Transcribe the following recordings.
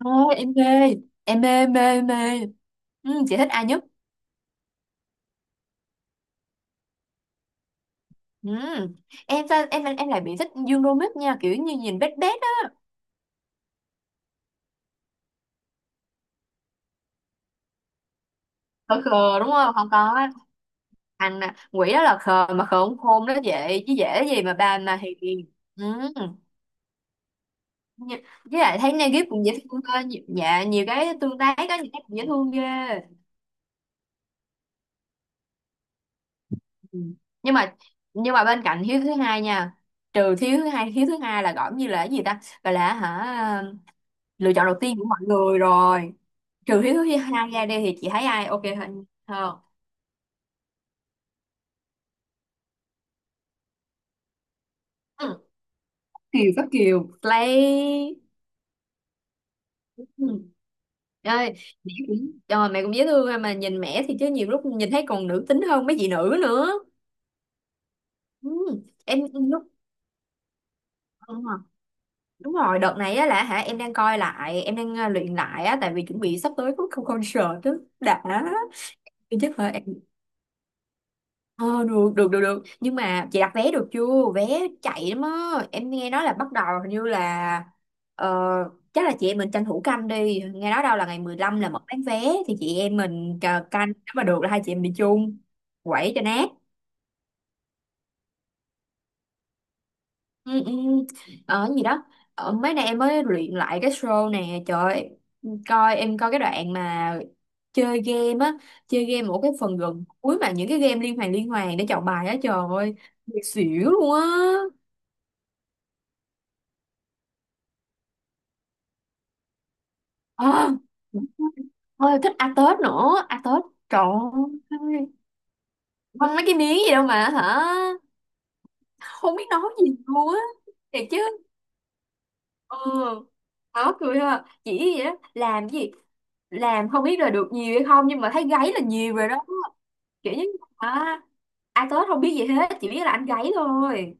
Thôi em mê mê mê Ừ, chị thích ai nhất? Ừ. em sao em lại bị thích Dương Đomít nha, kiểu như nhìn bét bét á. Khờ khờ đúng không, không có á. Anh à, quỷ đó là khờ mà khờ không khôn đó, vậy chứ dễ gì mà bà mà hiền. Ừ. Như- với lại thấy Negip cũng dễ thương cơ, dạ nhiều cái tương tác có những cái cũng dễ thương ghê. Ừ. nhưng mà nhưng mà bên cạnh hiếu thứ hai nha. Trừ thiếu thứ hai, hiếu thứ hai là gọi như là cái gì ta, gọi là hả, lựa chọn đầu tiên của mọi người rồi. Trừ hiếu thứ hai ra đi thì chị thấy ai ok hơn hơn? Ừ. Kiều có Kiều play. Ừ. Ơi, mẹ cũng, trời mẹ cũng dễ thương ha, mà nhìn mẹ thì chứ nhiều lúc nhìn thấy còn nữ tính hơn mấy chị nữ nữa. Ừ. Em lúc đúng rồi. Đúng rồi, đợt này á là hả em đang coi lại, em đang luyện lại á, tại vì chuẩn bị sắp tới có concert đó. Đã, thì chắc là ờ được được được được, nhưng mà chị đặt vé được chưa? Vé chạy lắm á, em nghe nói là bắt đầu hình như là ờ, chắc là chị em mình tranh thủ canh đi, nghe nói đâu là ngày 15 là mở bán vé, thì chị em mình canh, nếu mà được là hai chị em đi chung, quẩy cho nát. Ừ, ừ. ờ cái gì đó, mấy nay em mới luyện lại cái show nè, trời ơi, coi em coi cái đoạn mà chơi game á, chơi game một cái phần gần cuối mà những cái game liên hoàn để chọn bài á, trời ơi, xỉu luôn á. Ờ, thôi thích ăn Tết nữa, ăn Tết. Trời ơi, quăng mấy cái miếng gì đâu mà hả? Không biết nói gì luôn á. Thiệt chứ. Ừ, khó cười ha. Chỉ gì đó, làm gì? Làm không biết là được nhiều hay không, nhưng mà thấy gáy là nhiều rồi đó. Kiểu như là "À, ăn Tết không biết gì hết, chỉ biết là ăn gáy thôi."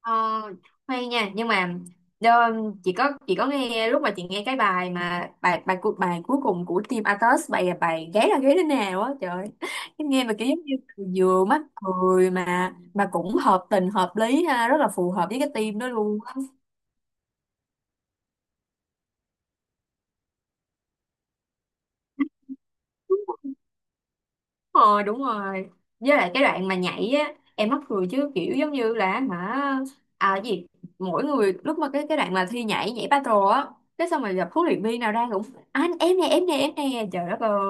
Ờ, hay nha, nhưng mà đơ, chị có nghe lúc mà chị nghe cái bài mà bài bài cuộc bài cuối cùng của team Atos, bài là bài gáy là gáy thế nào á, trời ơi. Em nghe mà kiểu giống như vừa mắc cười mà cũng hợp tình hợp lý ha, rất là phù hợp với cái team đó luôn. Đúng rồi, đúng rồi. Với lại cái đoạn mà nhảy á, em mắc cười chứ kiểu giống như là hả, à cái gì, mỗi người lúc mà cái đoạn mà thi nhảy, nhảy battle á, cái xong rồi gặp huấn luyện viên nào ra cũng anh em nè, em nè, em nè, trời đất ơi.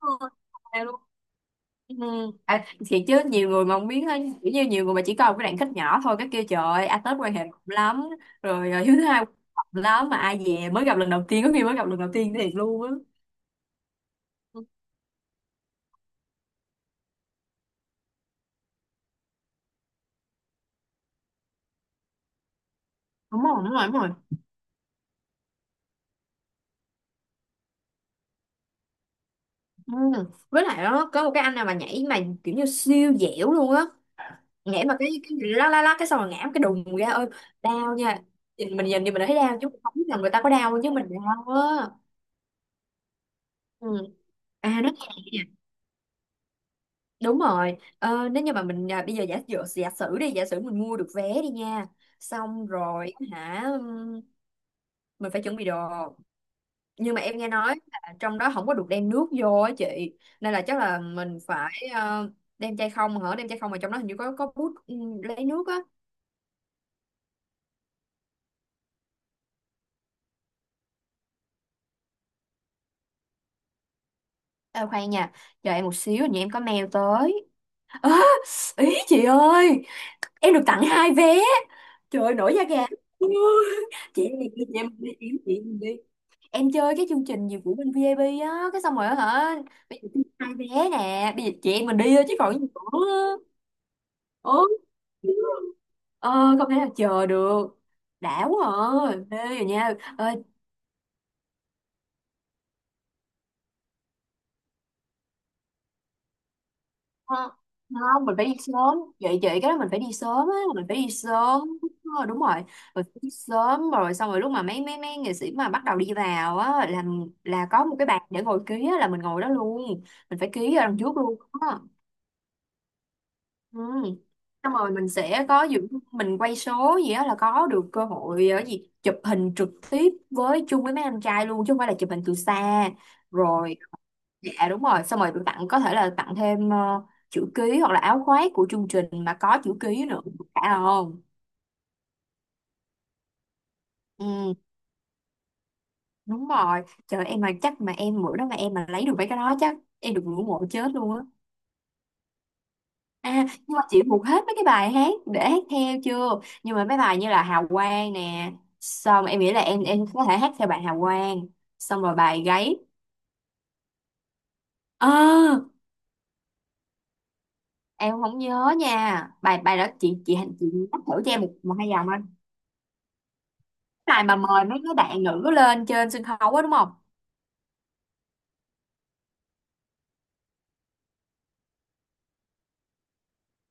Ừ, tao luôn. Ừ. À, thiệt chứ nhiều người mà không biết ấy, kiểu như nhiều người mà chỉ coi một cái đoạn khách nhỏ thôi cái kia, trời ơi, à, Tết quan hệ rộng lắm rồi, à, thứ hai quan hệ rộng lắm, mà ai về mới gặp lần đầu tiên, có khi mới gặp lần đầu tiên thiệt luôn á. Đúng rồi, đúng rồi, đúng rồi. Ừ. Với lại đó có một cái anh nào mà nhảy mà kiểu như siêu dẻo luôn á, nhảy mà cái lá lá lá cái xong rồi ngã một cái đùng ra, ơi đau nha. Nhìn mình nhìn thì mình thấy đau chứ không biết là người ta có đau, chứ mình đau á. Ừ. À nó, đúng rồi, nếu như mà mình à, bây giờ giả dụ giả sử đi, giả sử mình mua được vé đi nha, xong rồi hả, mình phải chuẩn bị đồ. Nhưng mà em nghe nói là trong đó không có được đem nước vô á chị, nên là chắc là mình phải đem chai không hả, đem chai không mà trong đó hình như có bút, lấy nước á. À, khoan nha, chờ em một xíu, hình như em có mail tới. Á, ý chị ơi, em được tặng hai vé, trời ơi, nổi da gà. Chị em đi, chị em đi, chị em đi. Em chơi cái chương trình gì của bên VIP á, cái xong rồi á hả, bây giờ hai vé nè, bây giờ chị em mình đi thôi chứ còn gì nữa. Ừ, ờ không thể nào chờ được, đã quá. À mê rồi nha ơi, ờ, không mình phải đi sớm, vậy vậy cái đó mình phải đi sớm á, mình phải đi sớm. Ờ, đúng rồi, mình phải đi sớm rồi xong rồi lúc mà mấy mấy mấy nghệ sĩ mà bắt đầu đi vào á là có một cái bàn để ngồi ký á, là mình ngồi đó luôn, mình phải ký ở đằng trước luôn á. Ừ. Xong rồi mình sẽ có dự mình quay số gì đó là có được cơ hội ở gì chụp hình trực tiếp với chung với mấy anh trai luôn chứ không phải là chụp hình từ xa. Rồi, dạ đúng rồi, xong rồi được tặng có thể là tặng thêm chữ ký hoặc là áo khoác của chương trình mà có chữ ký nữa, phải không? Ừ đúng rồi, trời em mà chắc mà em bữa đó mà em mà lấy được mấy cái đó chắc em được ngưỡng mộ chết luôn á. À, nhưng mà chị thuộc hết mấy cái bài hát để hát theo chưa? Nhưng mà mấy bài như là Hào Quang nè, xong em nghĩ là em có thể hát theo bài Hào Quang, xong rồi bài gáy. Ờ, em không nhớ nha. Bài bài đó chị nhắc thử cho em một, một hai dòng anh. Bài mà mời mấy cái bạn nữ lên trên sân khấu á đúng không?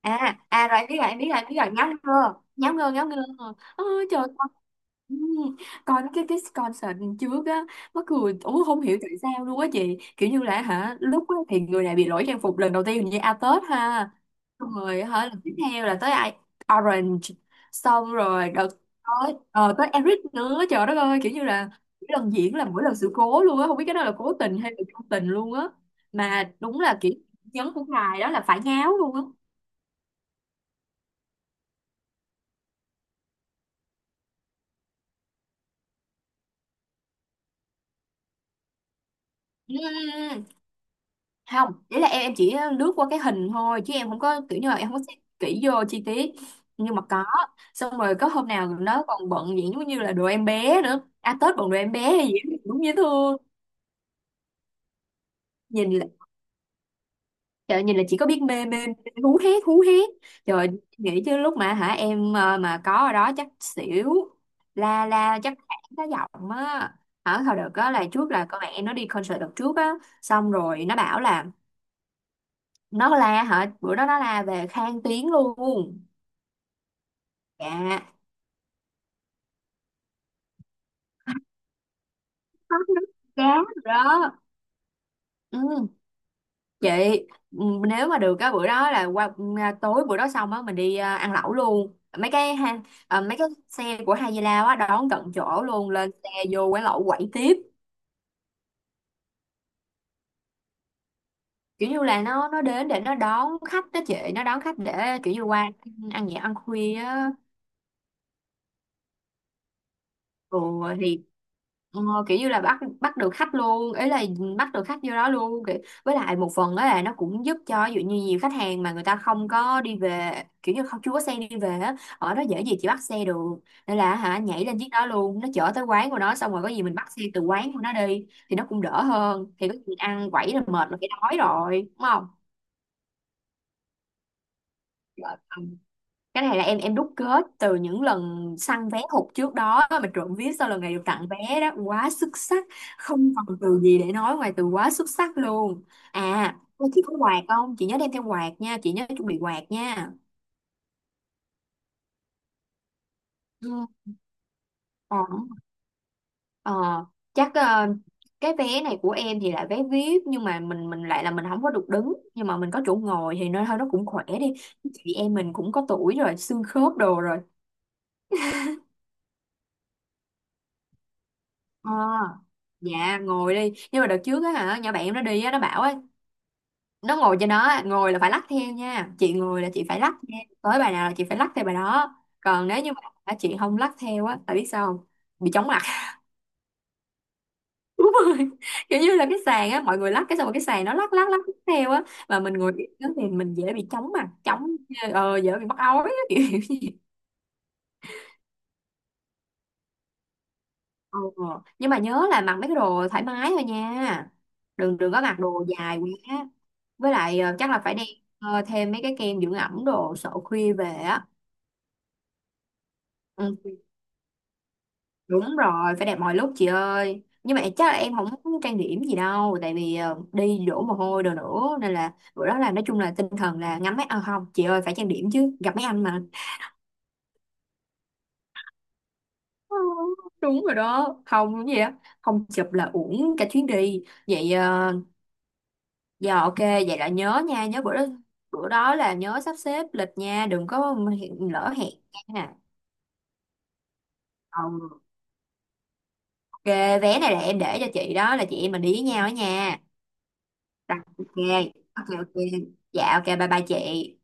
À à rồi em biết rồi, em biết rồi, em biết rồi, ngáo ngơ, ngáo ngơ, ngáo ngơ. Ôi, trời ơi. Ừ, còn cái concert trước á, mắc cười ủa không hiểu tại sao luôn á chị, kiểu như là hả, lúc á thì người này bị lỗi trang phục lần đầu tiên, hình như A Tết ha, xong rồi hả lần tiếp theo là tới ai, Orange, xong rồi đợt tới tới Eric nữa, trời đất ơi, kiểu như là mỗi lần diễn là mỗi lần sự cố luôn á, không biết cái đó là cố tình hay là vô tình luôn á. Mà đúng là kiểu nhấn của ngài đó là phải ngáo luôn á. Ừ, ừ, ừ. Không đấy là em chỉ lướt qua cái hình thôi, chứ em không có kiểu như là em không có xem kỹ vô chi tiết. Nhưng mà có, xong rồi có hôm nào nó còn bận vậy giống như là đồ em bé nữa, à Tết bận đồ em bé hay gì đó, đúng dễ thương. Nhìn là, trời nhìn là chỉ có biết mê mê mê, hú hét hú hét, trời. Nghĩ chứ lúc mà hả em mà có ở đó chắc xỉu, la la chắc hẳn cái giọng á. Ở hồi đợt đó là trước là con mẹ em nó đi concert đợt trước á, xong rồi nó bảo là nó la hả, bữa đó nó la về khang tiếng luôn. Dạ nó chán rồi đó. Ừ, chị, ừ, nếu mà được cái bữa đó là qua ừ, à, tối bữa đó xong á mình đi à, ăn lẩu luôn mấy cái ha. À, mấy cái xe của Hai Di Lao á đón tận chỗ luôn, lên xe vô quán lẩu quẩy tiếp. Kiểu như là nó đến để nó đón khách đó chị, nó đón khách để kiểu như qua ăn nhẹ ăn khuya á. Ồ, thì ờ, kiểu như là bắt bắt được khách luôn, ý là bắt được khách vô đó luôn kiểu. Với lại một phần đó là nó cũng giúp cho, ví dụ như nhiều khách hàng mà người ta không có đi về, kiểu như không chưa có xe đi về á, ở đó dễ gì chị bắt xe được, nên là hả nhảy lên chiếc đó luôn, nó chở tới quán của nó, xong rồi có gì mình bắt xe từ quán của nó đi thì nó cũng đỡ hơn, thì có gì ăn quẩy là mệt là phải đói rồi đúng không. Dạ. Cái này là em đúc kết từ những lần săn vé hụt trước đó, mà trộm vía sau lần này được tặng vé đó quá xuất sắc, không còn từ gì để nói ngoài từ quá xuất sắc luôn. À có chị, có quạt không chị, nhớ đem theo quạt nha, chị nhớ chuẩn bị quạt nha. Ừ. ờ, ờ, chắc cái vé này của em thì là vé VIP, nhưng mà mình lại là mình không có được đứng, nhưng mà mình có chỗ ngồi thì nó thôi nó cũng khỏe đi, chị em mình cũng có tuổi rồi, xương khớp đồ rồi. Ờ, dạ ngồi đi, nhưng mà đợt trước á hả nhỏ bạn em nó đi á, nó bảo á, nó ngồi cho nó á, ngồi là phải lắc theo nha chị, ngồi là chị phải lắc nha, tới bài nào là chị phải lắc theo bài đó. Còn nếu như mà hả, chị không lắc theo á, tại biết sao không, bị chóng mặt. Đúng rồi, kiểu như là cái sàn á, mọi người lắc cái xong rồi cái sàn nó lắc lắc lắc theo á, mà mình ngồi yên đó thì mình dễ bị chóng mặt, chóng dễ bị mắc ói á, kiểu kiểu như- Ờ, nhưng mà nhớ là mặc mấy cái đồ thoải mái thôi nha, đừng đừng có mặc đồ dài quá. Với lại chắc là phải đem thêm mấy cái kem dưỡng ẩm đồ, sợ khuya về á. Ừ. Đúng rồi, phải đẹp mọi lúc chị ơi, nhưng mà chắc là em không muốn trang điểm gì đâu, tại vì đi đổ mồ hôi đồ nữa, nên là bữa đó là nói chung là tinh thần là ngắm mấy, à, không chị ơi phải trang điểm chứ, gặp mấy anh mà. Ừ, đúng rồi đó không gì á, không chụp là uổng cả chuyến đi vậy. Ờ, giờ ok vậy là nhớ nha, nhớ bữa đó, bữa đó là nhớ sắp xếp lịch nha, đừng có hiện lỡ hẹn nha. Ừ, ghê, vé này là em để cho chị đó, là chị em mình đi với nhau đó nha. Rồi, ok, ok, ok. Dạ, ok, bye bye chị.